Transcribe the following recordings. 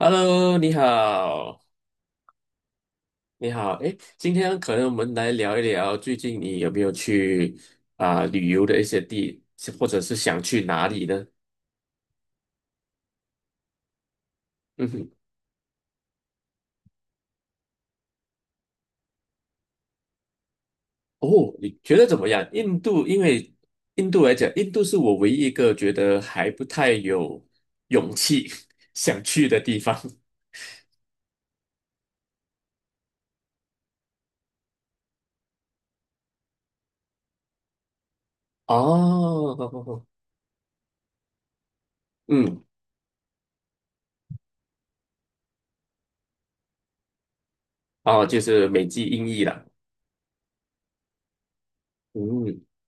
Hello，你好，你好，诶，今天可能我们来聊一聊最近你有没有去旅游的一些地，或者是想去哪里呢？嗯哼。哦，你觉得怎么样？印度，因为印度来讲，印度是我唯一一个觉得还不太有勇气 想去的地方。哦。嗯。哦，就是美籍英译了。嗯，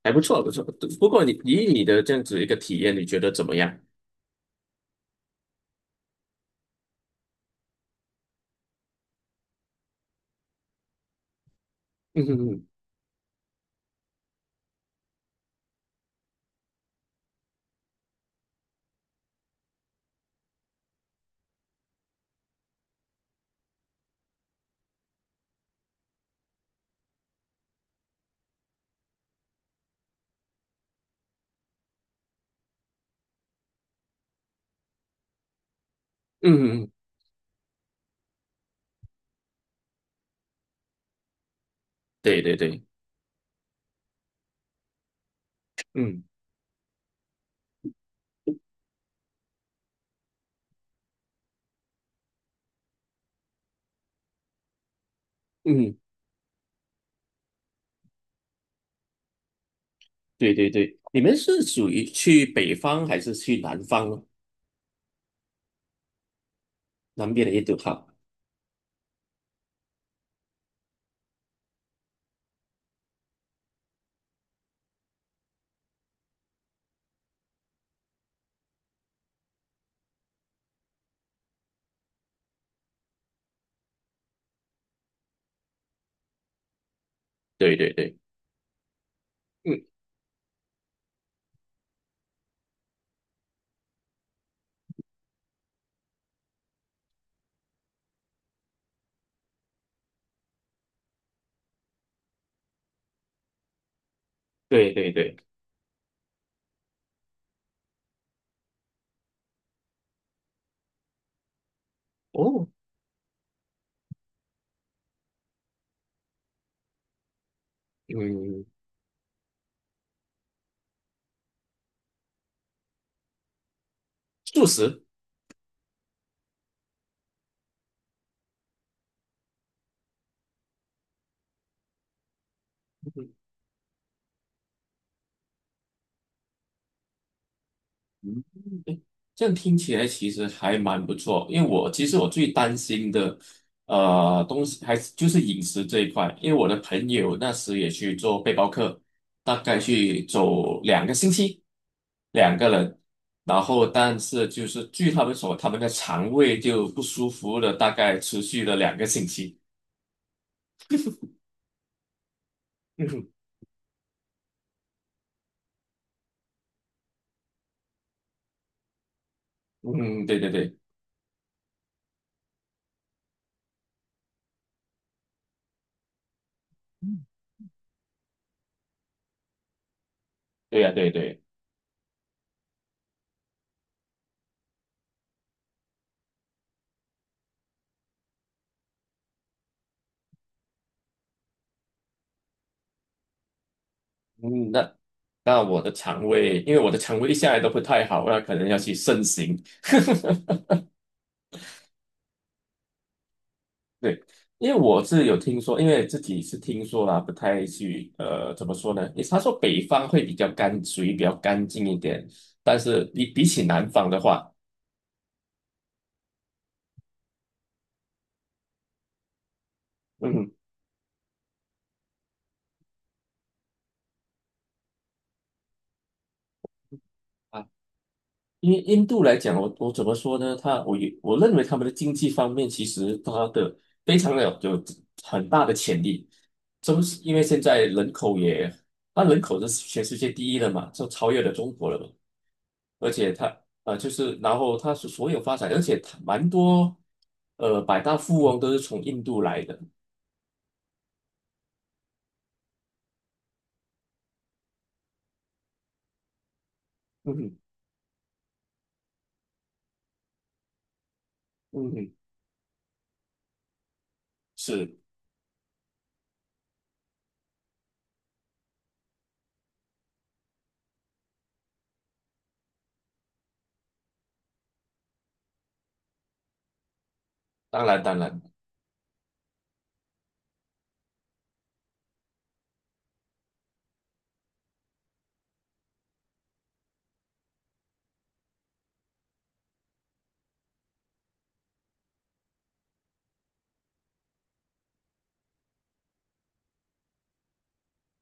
还不错，不错。不过你以你的这样子一个体验，你觉得怎么样？嗯嗯嗯嗯，对对对。嗯嗯，对对对，你们是属于去北方还是去南方呢？南边的印度哈。对对对。嗯。对对对。哦。嗯。素食。嗯，这样听起来其实还蛮不错，因为我其实我最担心的，东西还是就是饮食这一块，因为我的朋友那时也去做背包客，大概去走两个星期，2个人，然后但是就是据他们说，他们的肠胃就不舒服了，大概持续了两个星期。嗯哼。嗯。对对对。对呀，对对。嗯，那我的肠胃，因为我的肠胃一向来都不太好，那可能要去慎行。对，因为我是有听说，因为自己是听说啦，不太去怎么说呢？也他说北方会比较干，属于比较干净一点，但是比起南方的话。嗯。啊，因为印度来讲，我怎么说呢？他我也我认为他们的经济方面其实他的非常的有很大的潜力，就是因为现在人口也，它人口是全世界第一了嘛，就超越了中国了嘛。而且他就是然后他是所有发展，而且他蛮多百大富翁都是从印度来的。嗯哼。嗯哼。是。当然当然。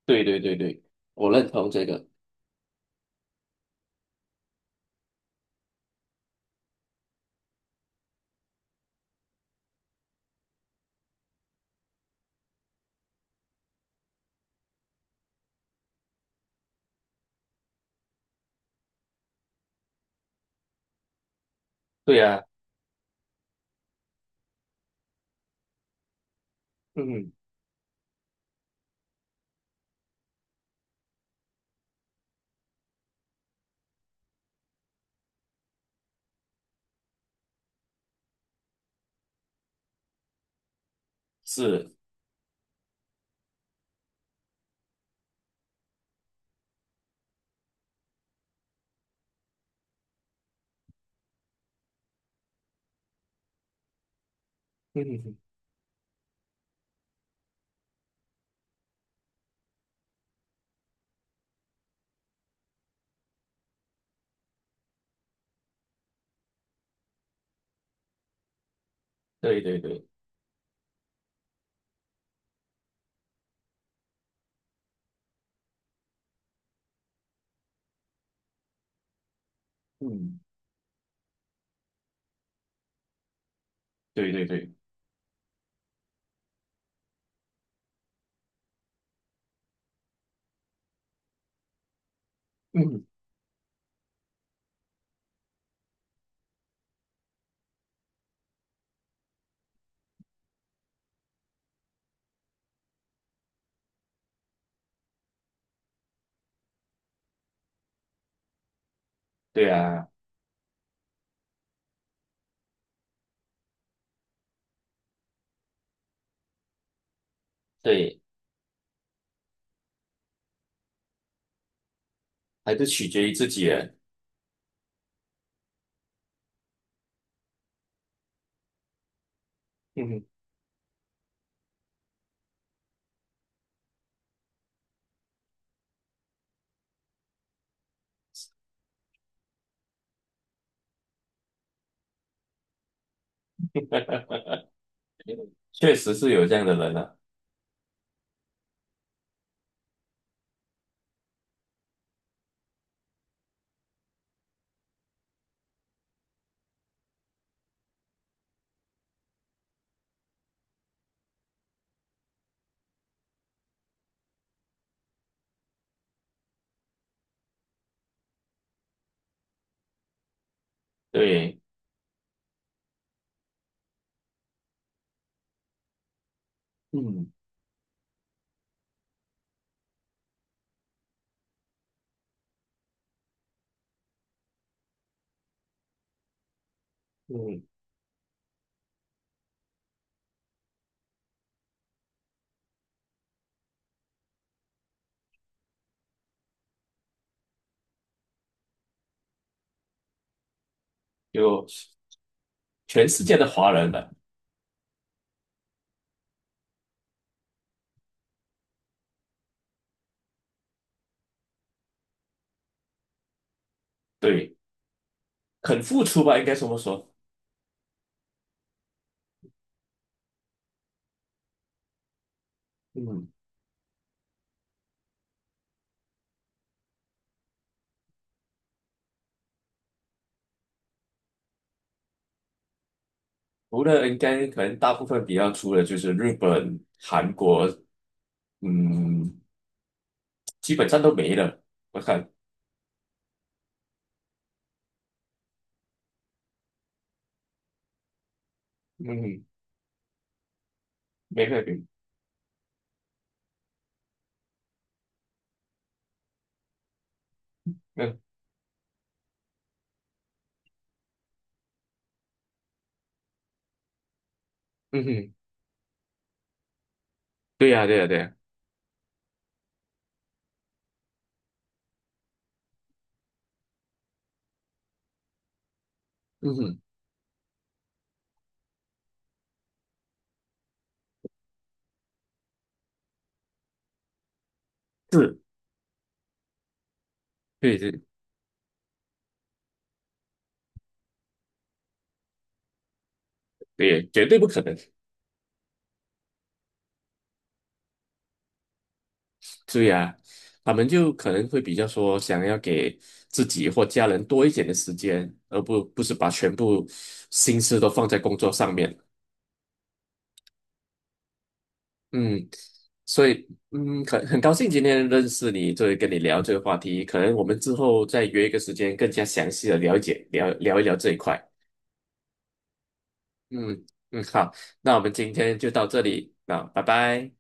对对对对，我认同这个。对呀，啊。嗯哼。是。嗯哼。对对对。嗯。对对对。嗯哼。对啊。对。还是取决于自己人。嗯哼。确实是有这样的人了，啊对。嗯嗯。有，全世界的华人了。对，肯付出吧，应该这么说。嗯。除了应该可能大部分比较出的就是日本、韩国，嗯，基本上都没了。我看。嗯哼。没了。没了。嗯嗯哼。对呀，对呀，对呀。嗯哼。是。对对对。绝对不可能。对呀。他们就可能会比较说想要给自己或家人多一点的时间，而不是把全部心思都放在工作上面。嗯。所以嗯，很高兴今天认识你，这跟你聊这个话题，可能我们之后再约一个时间，更加详细的了解聊一聊这一块。嗯嗯。好，那我们今天就到这里，啊，拜拜。